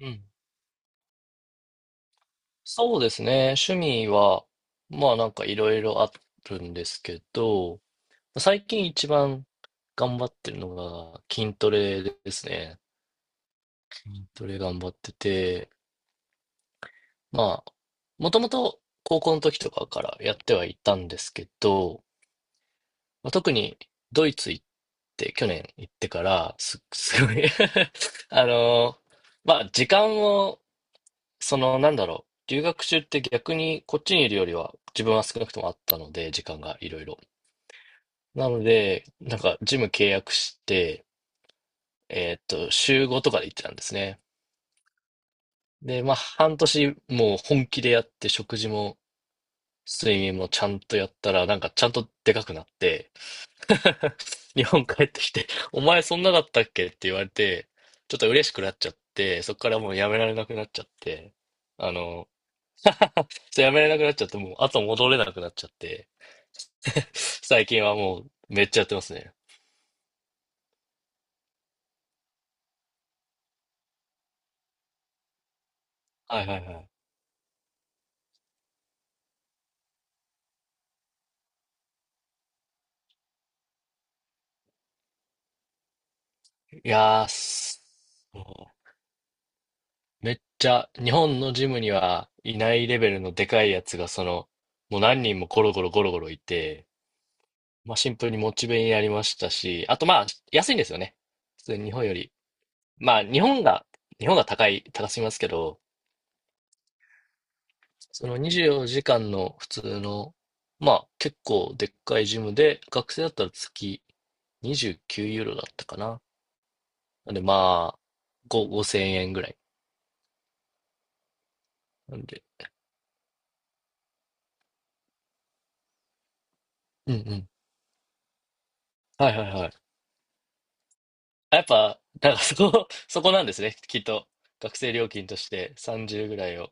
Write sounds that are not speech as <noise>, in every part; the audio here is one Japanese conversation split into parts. うん。そうですね。趣味は、まあなんかいろいろあるんですけど、最近一番頑張ってるのが筋トレですね。筋トレ頑張ってて、まあ、もともと高校の時とかからやってはいたんですけど、まあ、特にドイツ行って、去年行ってから、すごい <laughs> あのーまあ時間をその、なんだろう。留学中って逆にこっちにいるよりは自分は少なくともあったので、時間がいろいろ。なので、なんかジム契約して、週5とかで行ってたんですね。で、まあ半年もう本気でやって食事も睡眠もちゃんとやったら、なんかちゃんとでかくなって、<laughs> 日本帰ってきて、お前そんなだったっけって言われて、ちょっと嬉しくなっちゃって、そこからもうやめられなくなっちゃって、あの、<laughs> やめれなくなっちゃって、もう後戻れなくなっちゃって、<laughs> 最近はもうめっちゃやってますね。はいはいはい。いやー、そうめっちゃ日本のジムにはいないレベルのでかいやつが、その、もう何人もゴロゴロゴロゴロいて、まあシンプルにモチベになりましたし、あとまあ安いんですよね。普通に日本より。まあ日本が高い、高すぎますけど、その24時間の普通の、まあ結構でっかいジムで、学生だったら月29ユーロだったかな。なんでまあ、5、5000円ぐらい。なんで。うんうん。はいはいはい。あやっぱ、だからそこ、<laughs> そこなんですね。きっと。学生料金として30ぐらいを。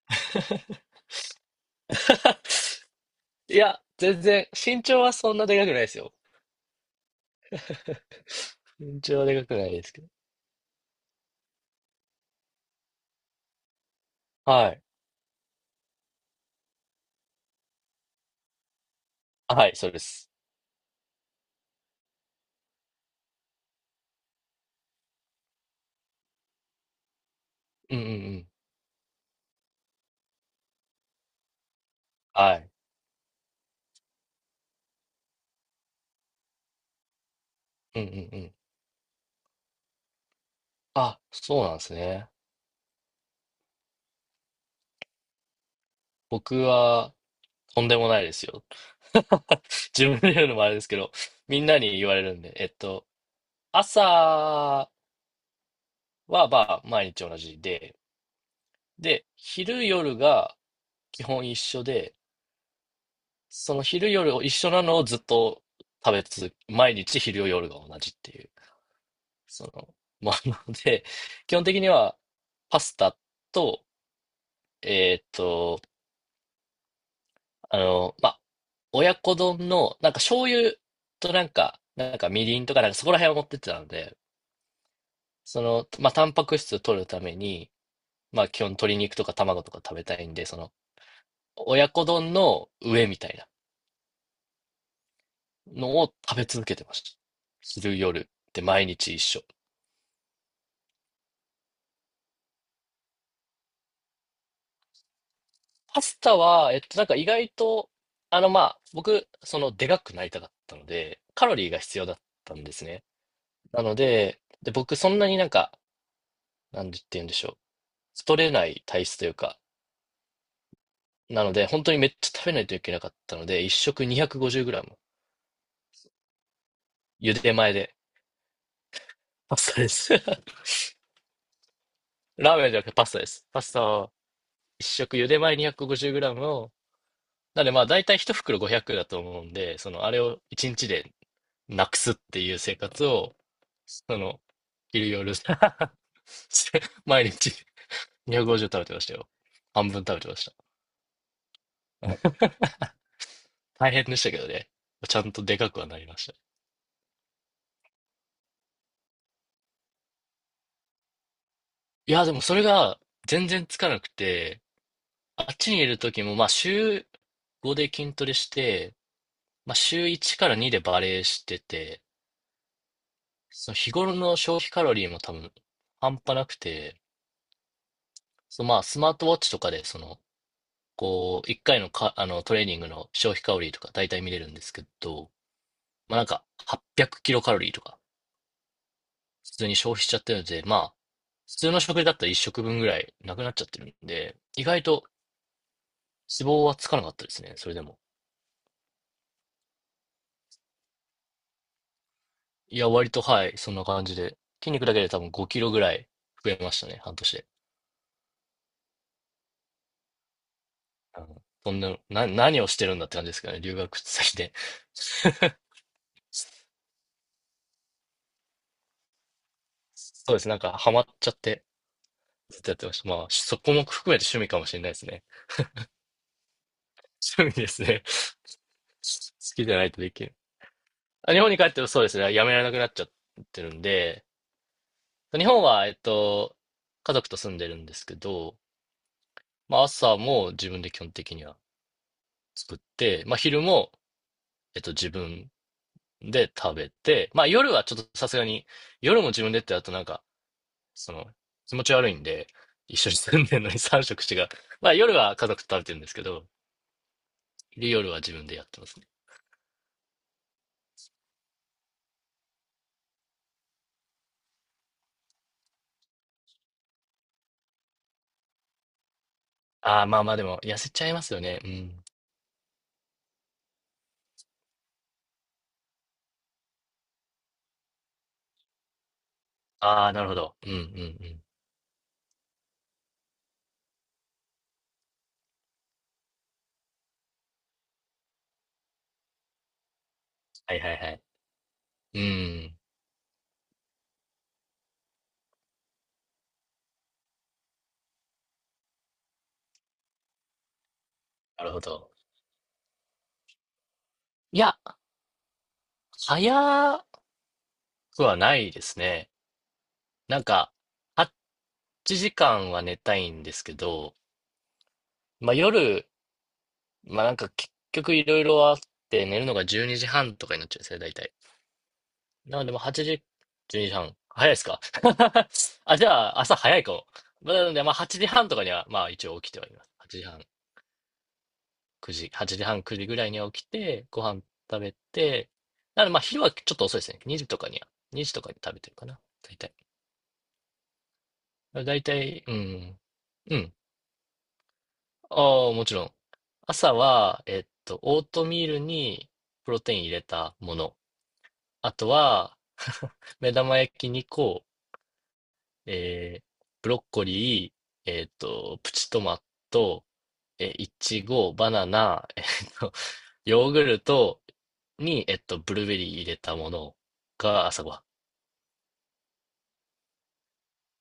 <laughs> いや、全然、身長はそんなでかくないですよ。身長はでかくないですけど。はい。はい、そうです。うんうんうん。はい。うんうんうん。あ、そうなんですね。僕は、とんでもないですよ。<laughs> 自分で言うのもあれですけど、みんなに言われるんで、朝はまあ毎日同じで、で、昼夜が基本一緒で、その昼夜を一緒なのをずっと食べ続け、毎日昼夜が同じっていう、その、まあ、なので、基本的にはパスタと、えっと、まあ親子丼の、なんか醤油となんか、なんかみりんとか、なんかそこら辺を持ってってたので、その、まあ、タンパク質を取るために、まあ、基本鶏肉とか卵とか食べたいんで、その、親子丼の上みたいなのを食べ続けてました。昼夜で毎日一緒。パスタは、なんか意外と、まあ、僕、その、でかくなりたかったので、カロリーが必要だったんですね。なので、で、僕、そんなになんか、なんて言うんでしょう。太れない体質というか、なので、本当にめっちゃ食べないといけなかったので、一食 250g。茹で前で。パスタです。<laughs> ラーメンじゃなくてパスタです。パスタを一食茹で前 250g を、なのでまあ大体一袋500だと思うんで、そのあれを一日でなくすっていう生活を、その、昼夜 <laughs> 毎日250食べてましたよ。半分食べてました。大変でしたけどね。ちゃんとでかくはなりました。いや、でもそれが全然つかなくて、あっちにいる時も、まあ、週5で筋トレして、まあ、週1から2でバレエしてて、その日頃の消費カロリーも多分半端なくて、そのまあ、スマートウォッチとかで、その、こう、1回のか、トレーニングの消費カロリーとか大体見れるんですけど、まあ、なんか800キロカロリーとか、普通に消費しちゃってるので、まあ、普通の食事だったら1食分ぐらいなくなっちゃってるんで、意外と脂肪はつかなかったですね、それでも。いや、割と、はい、そんな感じで。筋肉だけで多分5キロぐらい増えましたね、半年で。うん、そんな、何をしてるんだって感じですけどね、留学先で。<laughs> そうです、なんかハマっちゃって、ずっとやってました。まあ、そこも含めて趣味かもしれないですね。趣味ですね。<laughs> 好きじゃないとできる。あ、日本に帰ってもそうですね、やめられなくなっちゃってるんで、日本は、家族と住んでるんですけど、まあ、朝も自分で基本的には作って、まあ、昼も、自分で、食べて、まあ夜はちょっとさすがに、夜も自分でってやるとなんか、その、気持ち悪いんで、一緒に住んでるのに <laughs> 3食違う。まあ夜は家族と食べてるんですけど、で、夜は自分でやってますね。ああ、まあまあでも、痩せちゃいますよね。うん。ああ、なるほど。うんうんうん。はいはいはい。うん。なるほど。いや、早くはないですね。なんか、8時間は寝たいんですけど、まあ夜、まあなんか結局いろいろあって寝るのが12時半とかになっちゃうんですね、大体。なのでもう8時、12時半。早いですか？ <laughs> あ、じゃあ朝早いかも。まあなのでまあ8時半とかにはまあ一応起きてはいます。8時半、9時、8時半、9時ぐらいには起きて、ご飯食べて、なのでまあ昼はちょっと遅いですね。2時とかには、2時とかに食べてるかな、大体。大体、うん。うん。ああ、もちろん。朝は、オートミールにプロテイン入れたもの。あとは、<laughs> 目玉焼き2個、えーブロッコリー、プチトマト、いちご、バナナ、と、ヨーグルトに、ブルーベリー入れたものが朝ごはん。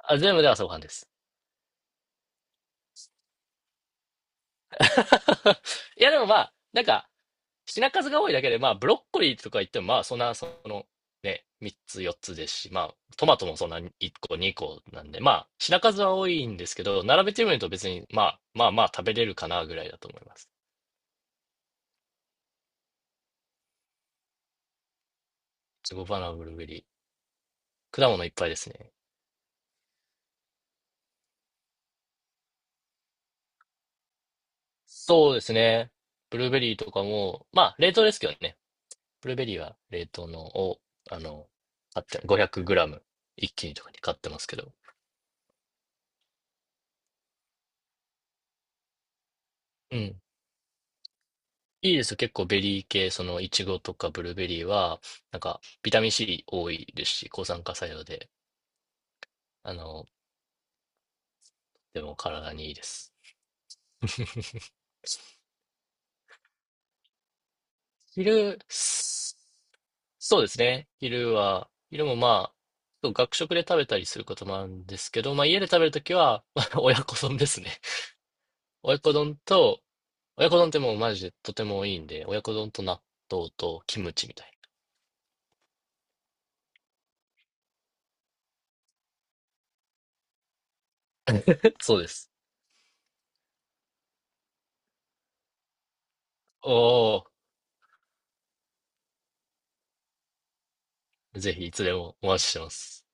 あ、全部で朝ごはんです。<laughs> いや、でもまあ、なんか、品数が多いだけで、まあ、ブロッコリーとか言っても、まあ、そんな、その、ね、3つ、4つですし、まあ、トマトもそんな1個、2個なんで、まあ、品数は多いんですけど、並べてみると別に、まあ、まあまあ食べれるかな、ぐらいだと思います。いちごバナナ、ブルーベリー。果物いっぱいですね。そうですね。ブルーベリーとかも、まあ、冷凍ですけどね。ブルーベリーは冷凍のを、あの、買って、500グラム一気にとかに買ってますけど。うん。いいですよ。結構ベリー系、そのイチゴとかブルーベリーは、なんかビタミン C 多いですし、抗酸化作用で、あの、でも体にいいです。<laughs> 昼、そうですね。昼は、昼もまあ、そう学食で食べたりすることもあるんですけど、まあ家で食べるときは、<laughs> まあ親子丼ですね。<laughs> 親子丼と、親子丼ってもうマジでとてもいいんで、親子丼と納豆とキムチみたいな。<laughs> そうです。おー、ぜひいつでもお待ちしてます。